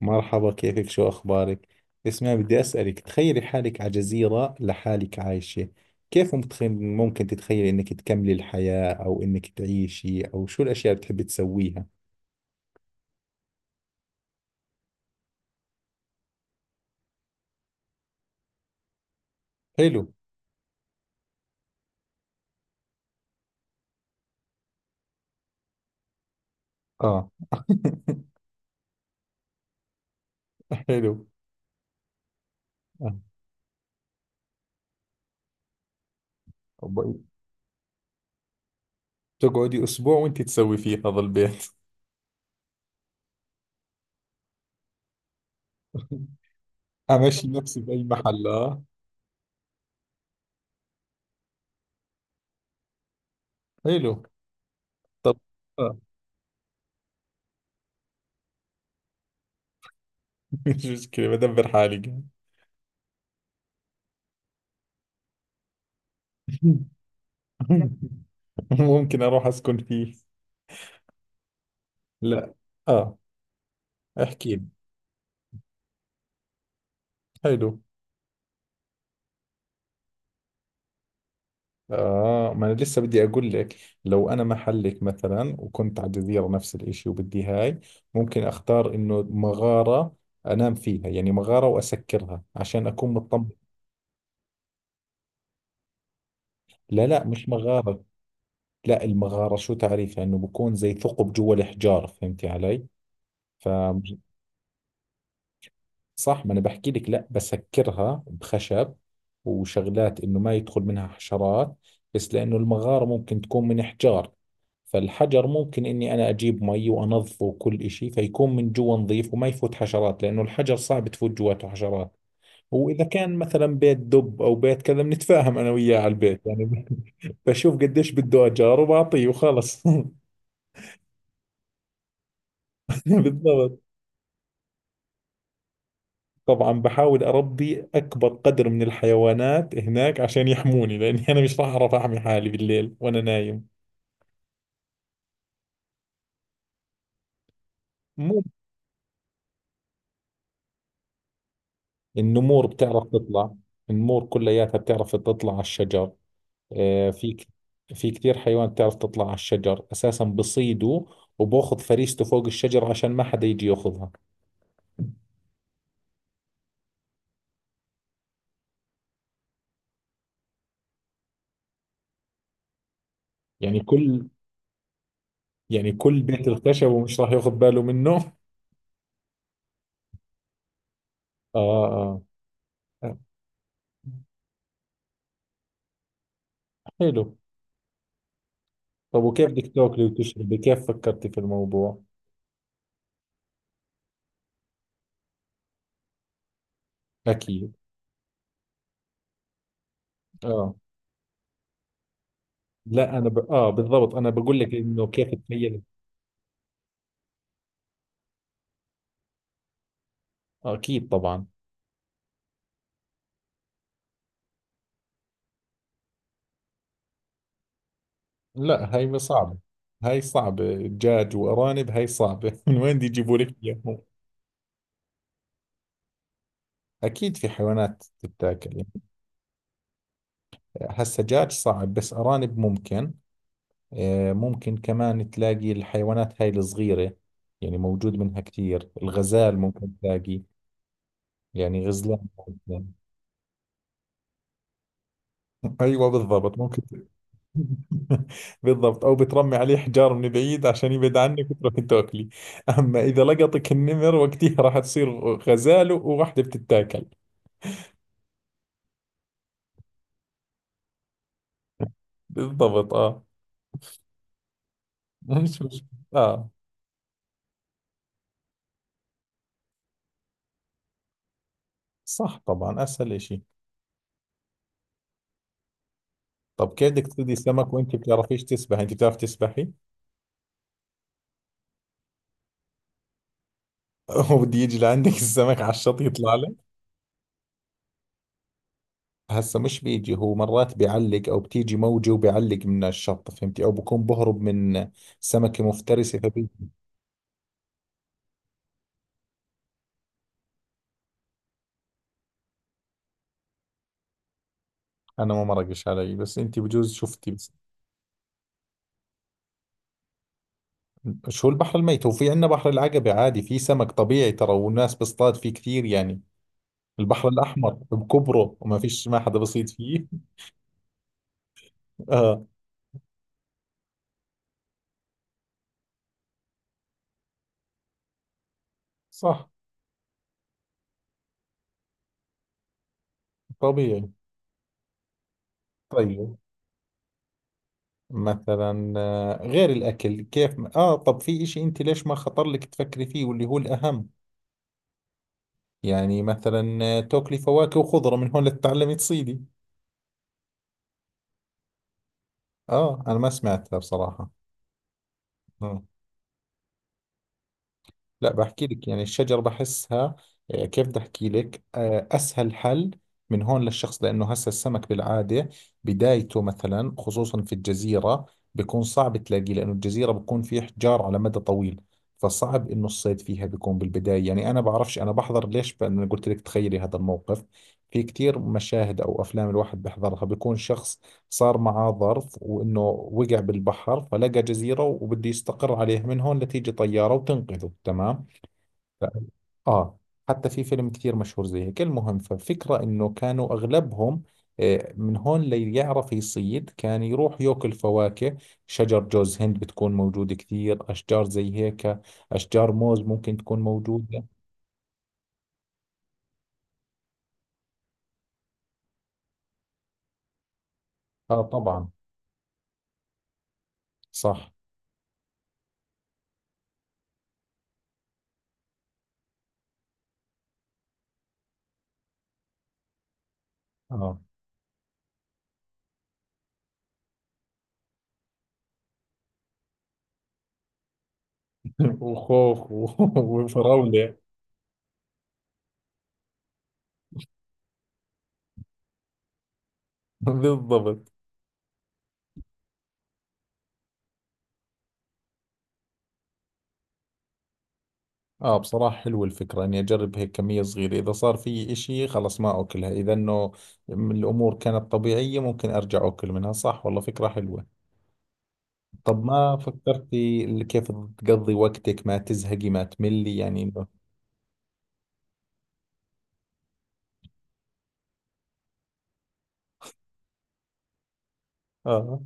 مرحبا، كيفك؟ شو أخبارك؟ اسمعي، بدي أسألك، تخيلي حالك على جزيرة لحالك عايشة. ممكن تتخيلي إنك تكملي الحياة أو إنك تعيشي، أو شو الأشياء اللي بتحبي تسويها؟ حلو. آه. حلو. آه. طب، تقعدي أسبوع وأنت تسوي فيه هذا البيت. أمشي نفسي بأي محل. آه. حلو. طب. آه. مش مشكلة، بدبر حالي. ممكن أروح أسكن فيه. لا. آه. احكي لي. حلو. آه، ما أنا لسه بدي أقول لك. لو أنا محلك مثلا، وكنت على جزيرة نفس الإشي، وبدي هاي، ممكن أختار إنه مغارة أنام فيها، يعني مغارة وأسكرها عشان أكون مطمن. لا لا، مش مغارة. لا، المغارة شو تعريفها؟ إنه بكون زي ثقب جوا الحجار، فهمتي علي؟ صح، ما انا بحكي لك، لا بسكرها بخشب وشغلات، انه ما يدخل منها حشرات. بس لانه المغارة ممكن تكون من حجار، فالحجر ممكن اني انا اجيب مي وانظفه وكل اشي، فيكون من جوا نظيف وما يفوت حشرات، لانه الحجر صعب تفوت جواته حشرات. واذا كان مثلا بيت دب او بيت كذا، بنتفاهم انا وياه على البيت يعني. بشوف قديش بده اجار وبعطيه وخلص. بالضبط. طبعا بحاول أربي أكبر قدر من الحيوانات هناك عشان يحموني، لأني أنا مش راح أعرف أحمي حالي بالليل وأنا نايم. مو. النمور بتعرف تطلع. النمور كلياتها بتعرف تطلع على الشجر. آه، في ك- في كثير حيوان بتعرف تطلع على الشجر، أساسا بصيده وباخذ فريسته فوق الشجر عشان ما حدا يجي ياخذها. يعني كل يعني كل بيت الخشب ومش راح ياخذ باله منه. آه. آه. آه. حلو. طب، وكيف بدك تاكلي وتشربي، كيف فكرتي في الموضوع؟ اكيد. اه. لا انا ب... اه بالضبط، انا بقول لك انه كيف تميز. آه اكيد طبعا. لا، هاي صعبة. هاي صعبة، دجاج وارانب هاي صعبة. من وين دي يجيبوا لك اياهم؟ اكيد في حيوانات تتاكل يعني. هسا دجاج صعب، بس ارانب ممكن. آه ممكن، كمان تلاقي الحيوانات هاي الصغيرة، يعني موجود منها كثير. الغزال ممكن تلاقي، يعني غزلان. ممكن. ايوه بالضبط ممكن. بالضبط، أو بترمي عليه حجار من بعيد عشان يبعد عنك وتروحي تاكلي. أما إذا لقطك النمر، وقتها راح تصير غزالة وواحدة بتتاكل. بالضبط. آه. مش آه. صح طبعا، أسهل إشي. طب كيف بدك تصيدي سمك وأنت بتعرفيش تسبحي؟ أنت بتعرف تسبحي؟ وبده يجي لعندك السمك على الشط يطلع لك؟ هسا مش بيجي، هو مرات بيعلق، أو بتيجي موجة وبيعلق من الشط، فهمتي؟ أو بكون بهرب من سمكة مفترسة. انا ما مرقش علي، بس انت بجوز شفتي بس. شو البحر الميت؟ وفي عندنا بحر العقبة عادي، في سمك طبيعي ترى، والناس بصطاد فيه كثير يعني. البحر الاحمر بكبره، وما فيش، ما حدا بصيد فيه. اه. صح طبيعي. طيب، مثلا آه، غير الاكل كيف طب في اشي انت ليش ما خطر لك تفكري فيه واللي هو الاهم؟ يعني مثلا آه، تاكلي فواكه وخضرة من هون لتتعلمي تصيدي. اه انا ما سمعتها بصراحة. آه. لا بحكي لك، يعني الشجر بحسها. كيف بدي احكي لك، اسهل حل من هون للشخص، لانه هسه السمك بالعاده بدايته مثلا، خصوصا في الجزيره، بيكون صعب تلاقيه، لانه الجزيره بيكون في احجار على مدى طويل، فصعب انه الصيد فيها بيكون بالبدايه. يعني انا بعرفش انا بحضر ليش، انا قلت لك تخيلي هذا الموقف. في كتير مشاهد او افلام الواحد بحضرها، بيكون شخص صار معاه ظرف، وإنه وقع بالبحر فلقى جزيرة وبده يستقر عليها من هون لتيجي طيارة وتنقذه، تمام. ف- آه حتى في فيلم كثير مشهور زي هيك. المهم، ففكرة إنه كانوا أغلبهم من هون ليعرف يصيد، كان يروح ياكل فواكه. شجر جوز هند بتكون موجودة، كثير أشجار زي هيك، أشجار موز ممكن تكون موجودة. آه طبعا. صح. آه. وخوخ وفراولة. بالضبط. اه بصراحة حلوة الفكرة، اني اجرب هيك كمية صغيرة، اذا صار في اشي خلص ما اكلها، اذا انه الامور كانت طبيعية ممكن ارجع اكل منها. صح والله فكرة حلوة. طب، ما فكرتي كيف تقضي وقتك ما تزهقي ما تملي، يعني انه. اه،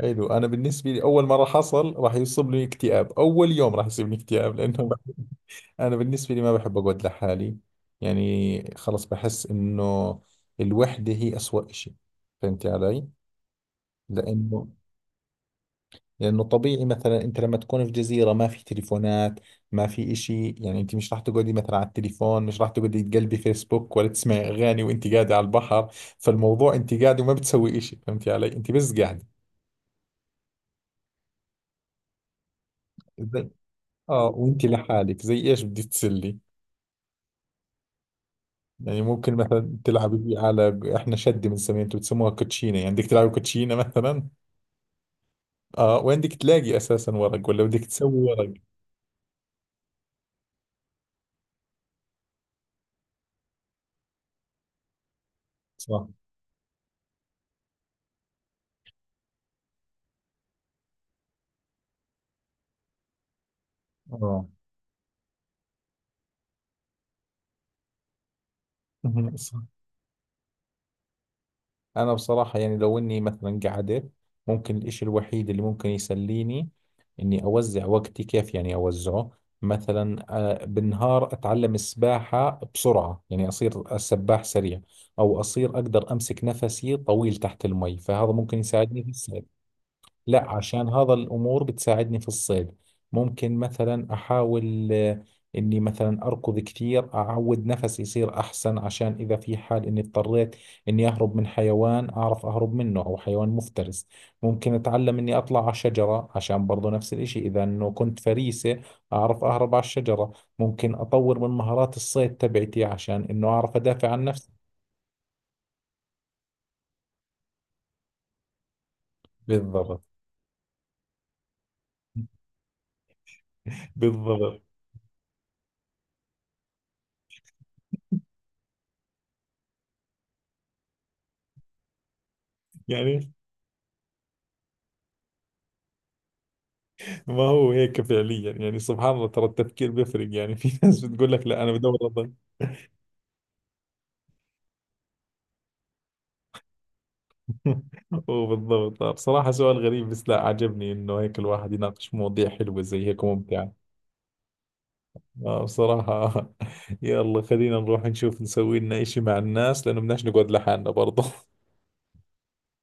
حلو. انا بالنسبة لي اول ما راح اصل راح يصيبني اكتئاب، اول يوم راح يصيبني اكتئاب، لانه انا بالنسبة لي ما بحب اقعد لحالي. يعني خلص، بحس انه الوحدة هي اسوأ اشي، فهمتي علي؟ لأنه لأنه طبيعي مثلا، أنت لما تكون في جزيرة ما في تليفونات، ما في إشي، يعني أنت مش راح تقعدي مثلا على التليفون، مش راح تقعدي تقلبي فيسبوك ولا تسمعي أغاني وأنت قاعدة على البحر. فالموضوع أنت قاعدة وما بتسوي إشي، فهمتي علي؟ أنت بس قاعدة. زي. آه، وأنت لحالك زي إيش بدي تسلي؟ يعني ممكن مثلا تلعبي بي، على إحنا شدة بنسميها، أنتوا بتسموها كوتشينة، يعني بدك تلعبي كوتشينة مثلا. آه، وين بدك تلاقي أساسا ورق؟ ولا بدك تسوي ورق. صح. آه. مهم. صح. انا بصراحة يعني لو اني مثلا قعدت، ممكن الاشي الوحيد اللي ممكن يسليني اني اوزع وقتي، كيف يعني اوزعه؟ مثلا بالنهار اتعلم السباحة بسرعة، يعني اصير سباح سريع، او اصير اقدر امسك نفسي طويل تحت المي، فهذا ممكن يساعدني. لا، عشان هذا الأمور بتساعدني في الصيد. ممكن مثلا أحاول إني مثلا أركض كثير، أعود نفسي يصير أحسن، عشان إذا في حال إني اضطريت إني أهرب من حيوان، أعرف أهرب منه أو حيوان مفترس. ممكن أتعلم إني أطلع على شجرة، عشان برضو نفس الإشي إذا إنه كنت فريسة أعرف أهرب على الشجرة. ممكن أطور من مهارات الصيد تبعتي عشان إنه أعرف أدافع عن نفسي. بالضبط. بالضبط. يعني ما هو هيك فعليا، يعني سبحان الله، ترى التفكير بيفرق، يعني في ناس بتقول لك لا انا بدور افضل. وبالضبط، بصراحة سؤال غريب، بس لا عجبني انه هيك الواحد يناقش مواضيع حلوة زي هيك ممتعة. آه بصراحة. يلا، خلينا نروح نشوف نسوي لنا اشي مع الناس، لانه بدناش نقعد لحالنا برضه.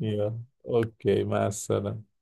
يلا. اوكي، مع السلامة.